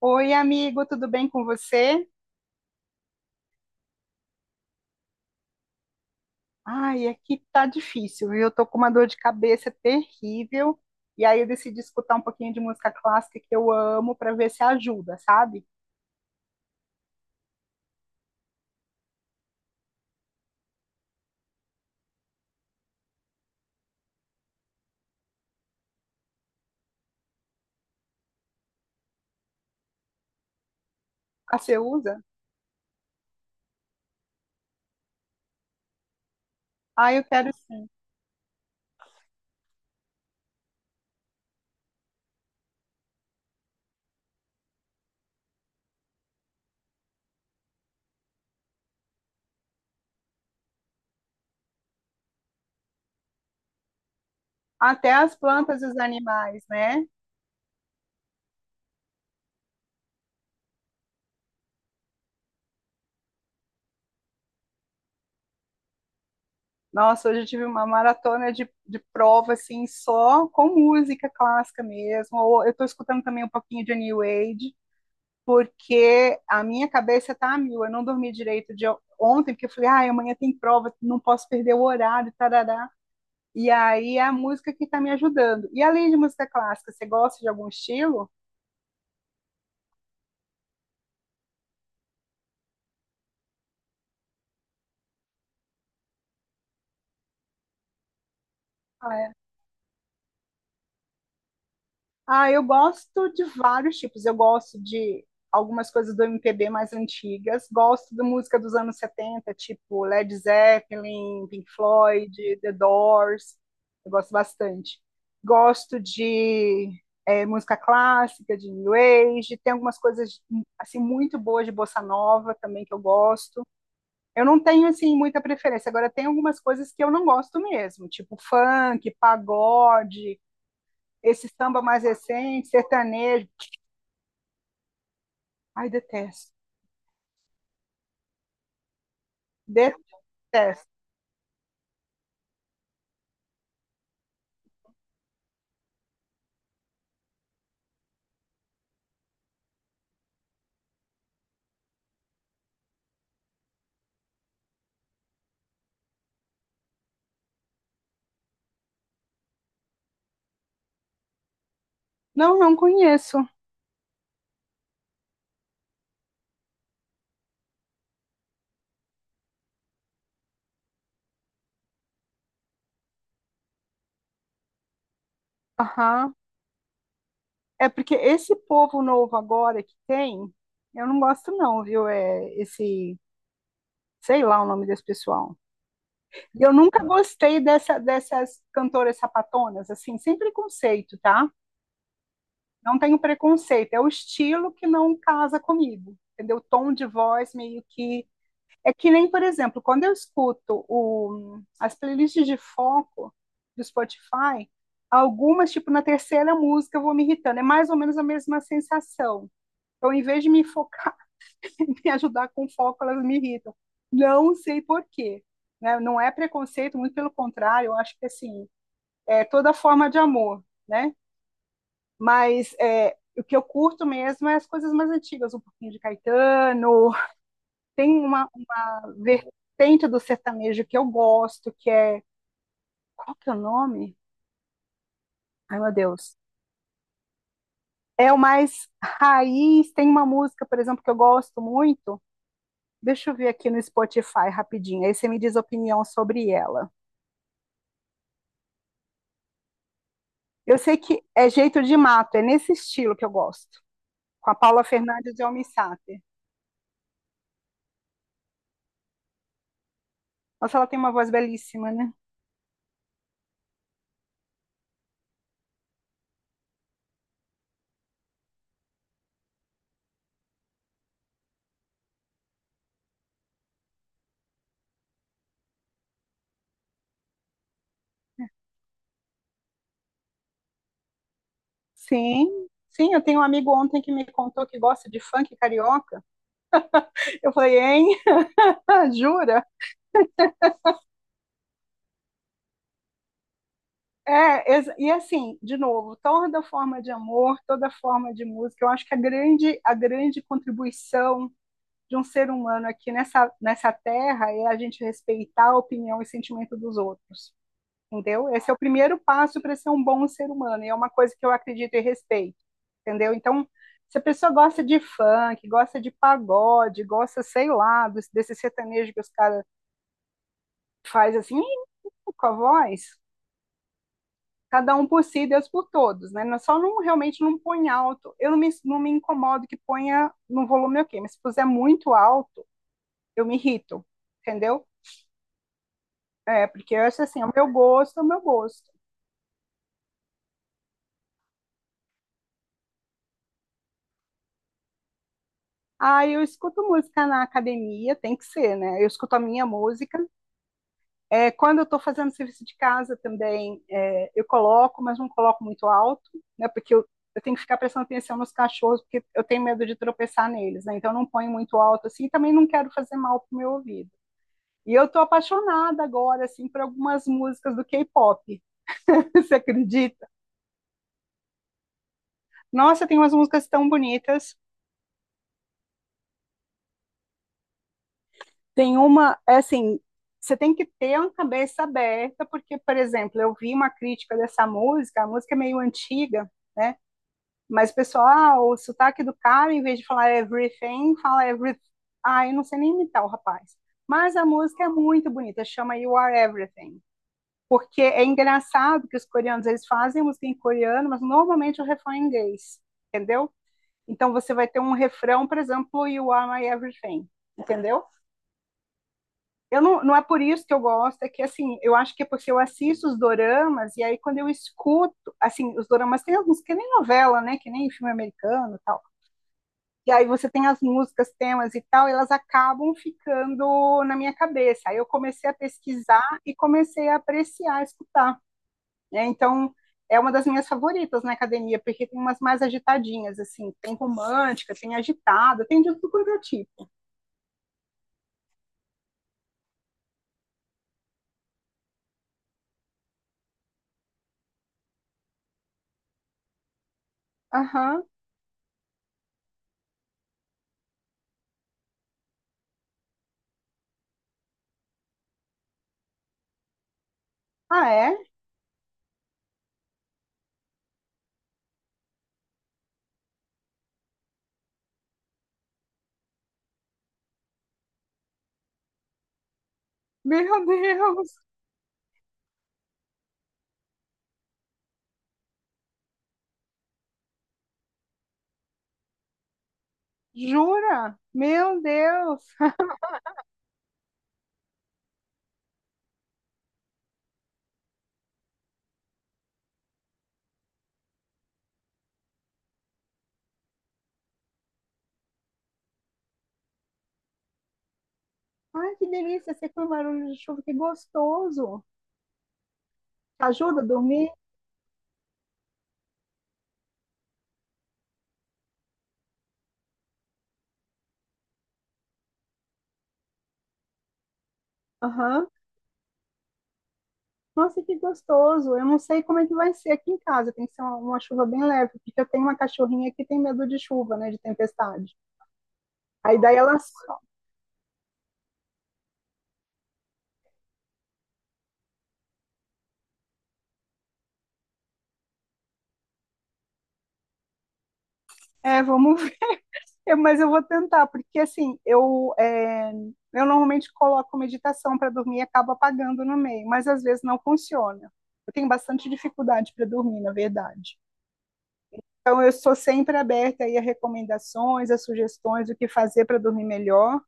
Oi, amigo, tudo bem com você? Ai, aqui tá difícil, viu? Eu tô com uma dor de cabeça terrível. E aí eu decidi escutar um pouquinho de música clássica que eu amo para ver se ajuda, sabe? Ah, você usa? Ah, eu quero sim. Até as plantas e os animais, né? Nossa, hoje eu tive uma maratona de prova, assim, só com música clássica mesmo. Ou eu tô escutando também um pouquinho de New Age, porque a minha cabeça tá a mil. Eu não dormi direito de ontem, porque eu falei, ah, amanhã tem prova, não posso perder o horário, tarará. E aí é a música que tá me ajudando. E além de música clássica, você gosta de algum estilo? Ah, Ah, eu gosto de vários tipos. Eu gosto de algumas coisas do MPB mais antigas. Gosto da música dos anos 70, tipo Led Zeppelin, Pink Floyd, The Doors. Eu gosto bastante. Gosto de música clássica, de New Age. Tem algumas coisas assim muito boas de bossa nova também que eu gosto. Eu não tenho assim muita preferência. Agora tem algumas coisas que eu não gosto mesmo, tipo funk, pagode, esse samba mais recente, sertanejo. Ai, detesto. Detesto. Não, não conheço. Aham. É porque esse povo novo agora que tem, eu não gosto não, viu? É esse, sei lá o nome desse pessoal. E eu nunca gostei dessas cantoras sapatonas, assim, sem preconceito, tá? Não tenho preconceito, é o estilo que não casa comigo, entendeu? O tom de voz meio que. É que nem, por exemplo, quando eu escuto as playlists de foco do Spotify, algumas, tipo, na terceira música eu vou me irritando. É mais ou menos a mesma sensação. Então, em vez de me focar, me ajudar com foco, elas me irritam. Não sei por quê. Né? Não é preconceito, muito pelo contrário, eu acho que, assim, é toda forma de amor, né? Mas é, o que eu curto mesmo é as coisas mais antigas, um pouquinho de Caetano. Tem uma vertente do sertanejo que eu gosto, que é. Qual que é o nome? Ai, meu Deus. É o mais raiz. Tem uma música, por exemplo, que eu gosto muito. Deixa eu ver aqui no Spotify rapidinho. Aí você me diz a opinião sobre ela. Eu sei que é Jeito de Mato, é nesse estilo que eu gosto. Com a Paula Fernandes e o Almi Sater. Nossa, ela tem uma voz belíssima, né? Sim, sim. Eu tenho um amigo ontem que me contou que gosta de funk carioca. Eu falei, hein? Jura? É, e assim, de novo, toda forma de amor, toda forma de música, eu acho que a grande contribuição de um ser humano aqui nessa terra é a gente respeitar a opinião e sentimento dos outros, entendeu? Esse é o primeiro passo para ser um bom ser humano, e é uma coisa que eu acredito e respeito, entendeu? Então, se a pessoa gosta de funk, gosta de pagode, gosta, sei lá, desse sertanejo que os caras fazem assim, com a voz, cada um por si, Deus por todos, né? Só não realmente não põe alto. Eu não me incomodo que ponha no volume ok, mas se puser muito alto, eu me irrito, entendeu? É, porque eu acho assim, é o meu gosto, é o meu gosto. Ah, eu escuto música na academia, tem que ser, né? Eu escuto a minha música. É, quando eu estou fazendo serviço de casa também, é, eu coloco, mas não coloco muito alto, né? Porque eu tenho que ficar prestando atenção nos cachorros, porque eu tenho medo de tropeçar neles, né? Então eu não ponho muito alto assim, e também não quero fazer mal pro meu ouvido. E eu tô apaixonada agora, assim, por algumas músicas do K-pop. Você acredita? Nossa, tem umas músicas tão bonitas. Tem uma, é assim, você tem que ter uma cabeça aberta, porque, por exemplo, eu vi uma crítica dessa música, a música é meio antiga, né? Mas o pessoal, ah, o sotaque do cara, em vez de falar everything, fala everything. Ah, eu não sei nem imitar o rapaz. Mas a música é muito bonita, chama You Are Everything. Porque é engraçado que os coreanos eles fazem música em coreano, mas normalmente o refrão é em inglês, entendeu? Então você vai ter um refrão, por exemplo, You Are My Everything, entendeu? Eu não, não é por isso que eu gosto, é que assim, eu acho que é porque eu assisto os doramas e aí quando eu escuto, assim, os doramas tem alguns que nem novela, né, que nem filme americano, e tal. E aí você tem as músicas, temas e tal, e elas acabam ficando na minha cabeça. Aí eu comecei a pesquisar e comecei a apreciar, a escutar. Né? Então, é uma das minhas favoritas na academia, porque tem umas mais agitadinhas, assim. Tem romântica, tem agitada, tem de tudo quanto é tipo. Aham. Ah, é? Meu Deus! Jura? Meu Deus! Ai, que delícia! Você com barulho de chuva, que gostoso! Ajuda a dormir? Aham. Nossa, que gostoso! Eu não sei como é que vai ser aqui em casa. Tem que ser uma chuva bem leve, porque eu tenho uma cachorrinha que tem medo de chuva, né? De tempestade. Aí daí ela. É, mas eu vou tentar, porque assim, eu normalmente coloco meditação para dormir e acabo apagando no meio, mas às vezes não funciona. Eu tenho bastante dificuldade para dormir, na verdade. Então, eu sou sempre aberta aí a recomendações, a sugestões do que fazer para dormir melhor,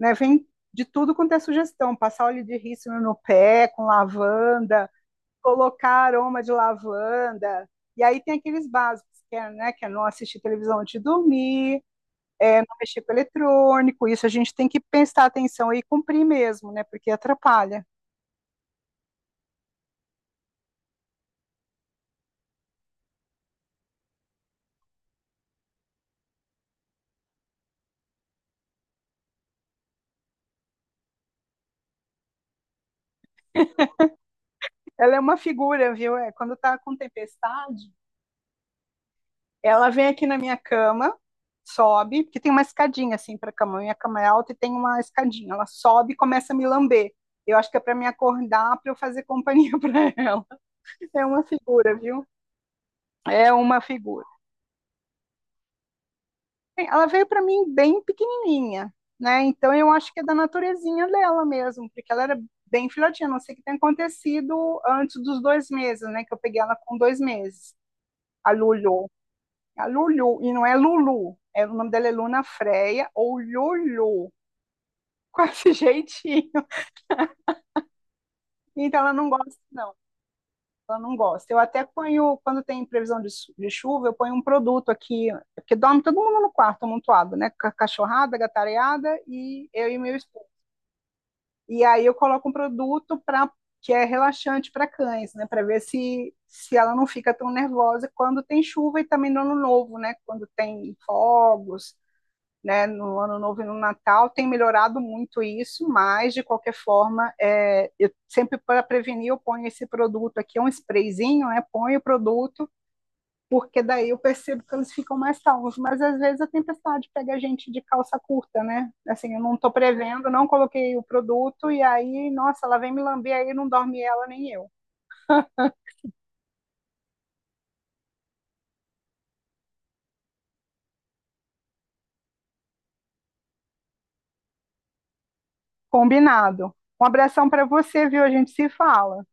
né? Vem de tudo quanto é sugestão, passar óleo de rícino no pé com lavanda, colocar aroma de lavanda. E aí tem aqueles básicos, que é não assistir televisão antes de dormir, um mexer com eletrônico, isso a gente tem que prestar atenção e cumprir mesmo, né? Porque atrapalha. Ela é uma figura, viu? É, quando tá com tempestade, ela vem aqui na minha cama, sobe, porque tem uma escadinha assim para cama, minha cama é alta e tem uma escadinha. Ela sobe e começa a me lamber. Eu acho que é para me acordar, para eu fazer companhia para ela. É uma figura, viu? É uma figura. Ela veio para mim bem pequenininha, né? Então eu acho que é da naturezinha dela mesmo, porque ela era bem filhotinha. A Não sei o que tem acontecido antes dos 2 meses, né? Que eu peguei ela com 2 meses, a Lulu. A Lulu, e não é Lulu, o nome dela é Luna Freia ou Lulu, com esse jeitinho. Então ela não gosta, não. Ela não gosta. Eu até ponho, quando tem previsão de chuva, eu ponho um produto aqui, porque dorme todo mundo no quarto amontoado, né? Com a cachorrada, a gatareada e eu e meu esposo. E aí eu coloco um produto para que é relaxante para cães, né, para ver se ela não fica tão nervosa quando tem chuva e também no ano novo, né, quando tem fogos, né, no ano novo e no Natal tem melhorado muito isso, mas de qualquer forma, eu sempre para prevenir eu ponho esse produto aqui, é um sprayzinho, né, ponho o produto porque daí eu percebo que eles ficam mais calmos. Mas às vezes a tempestade pega a gente de calça curta, né? Assim, eu não estou prevendo, não coloquei o produto, e aí, nossa, ela vem me lamber, aí não dorme ela nem eu. Combinado. Um abração para você, viu? A gente se fala.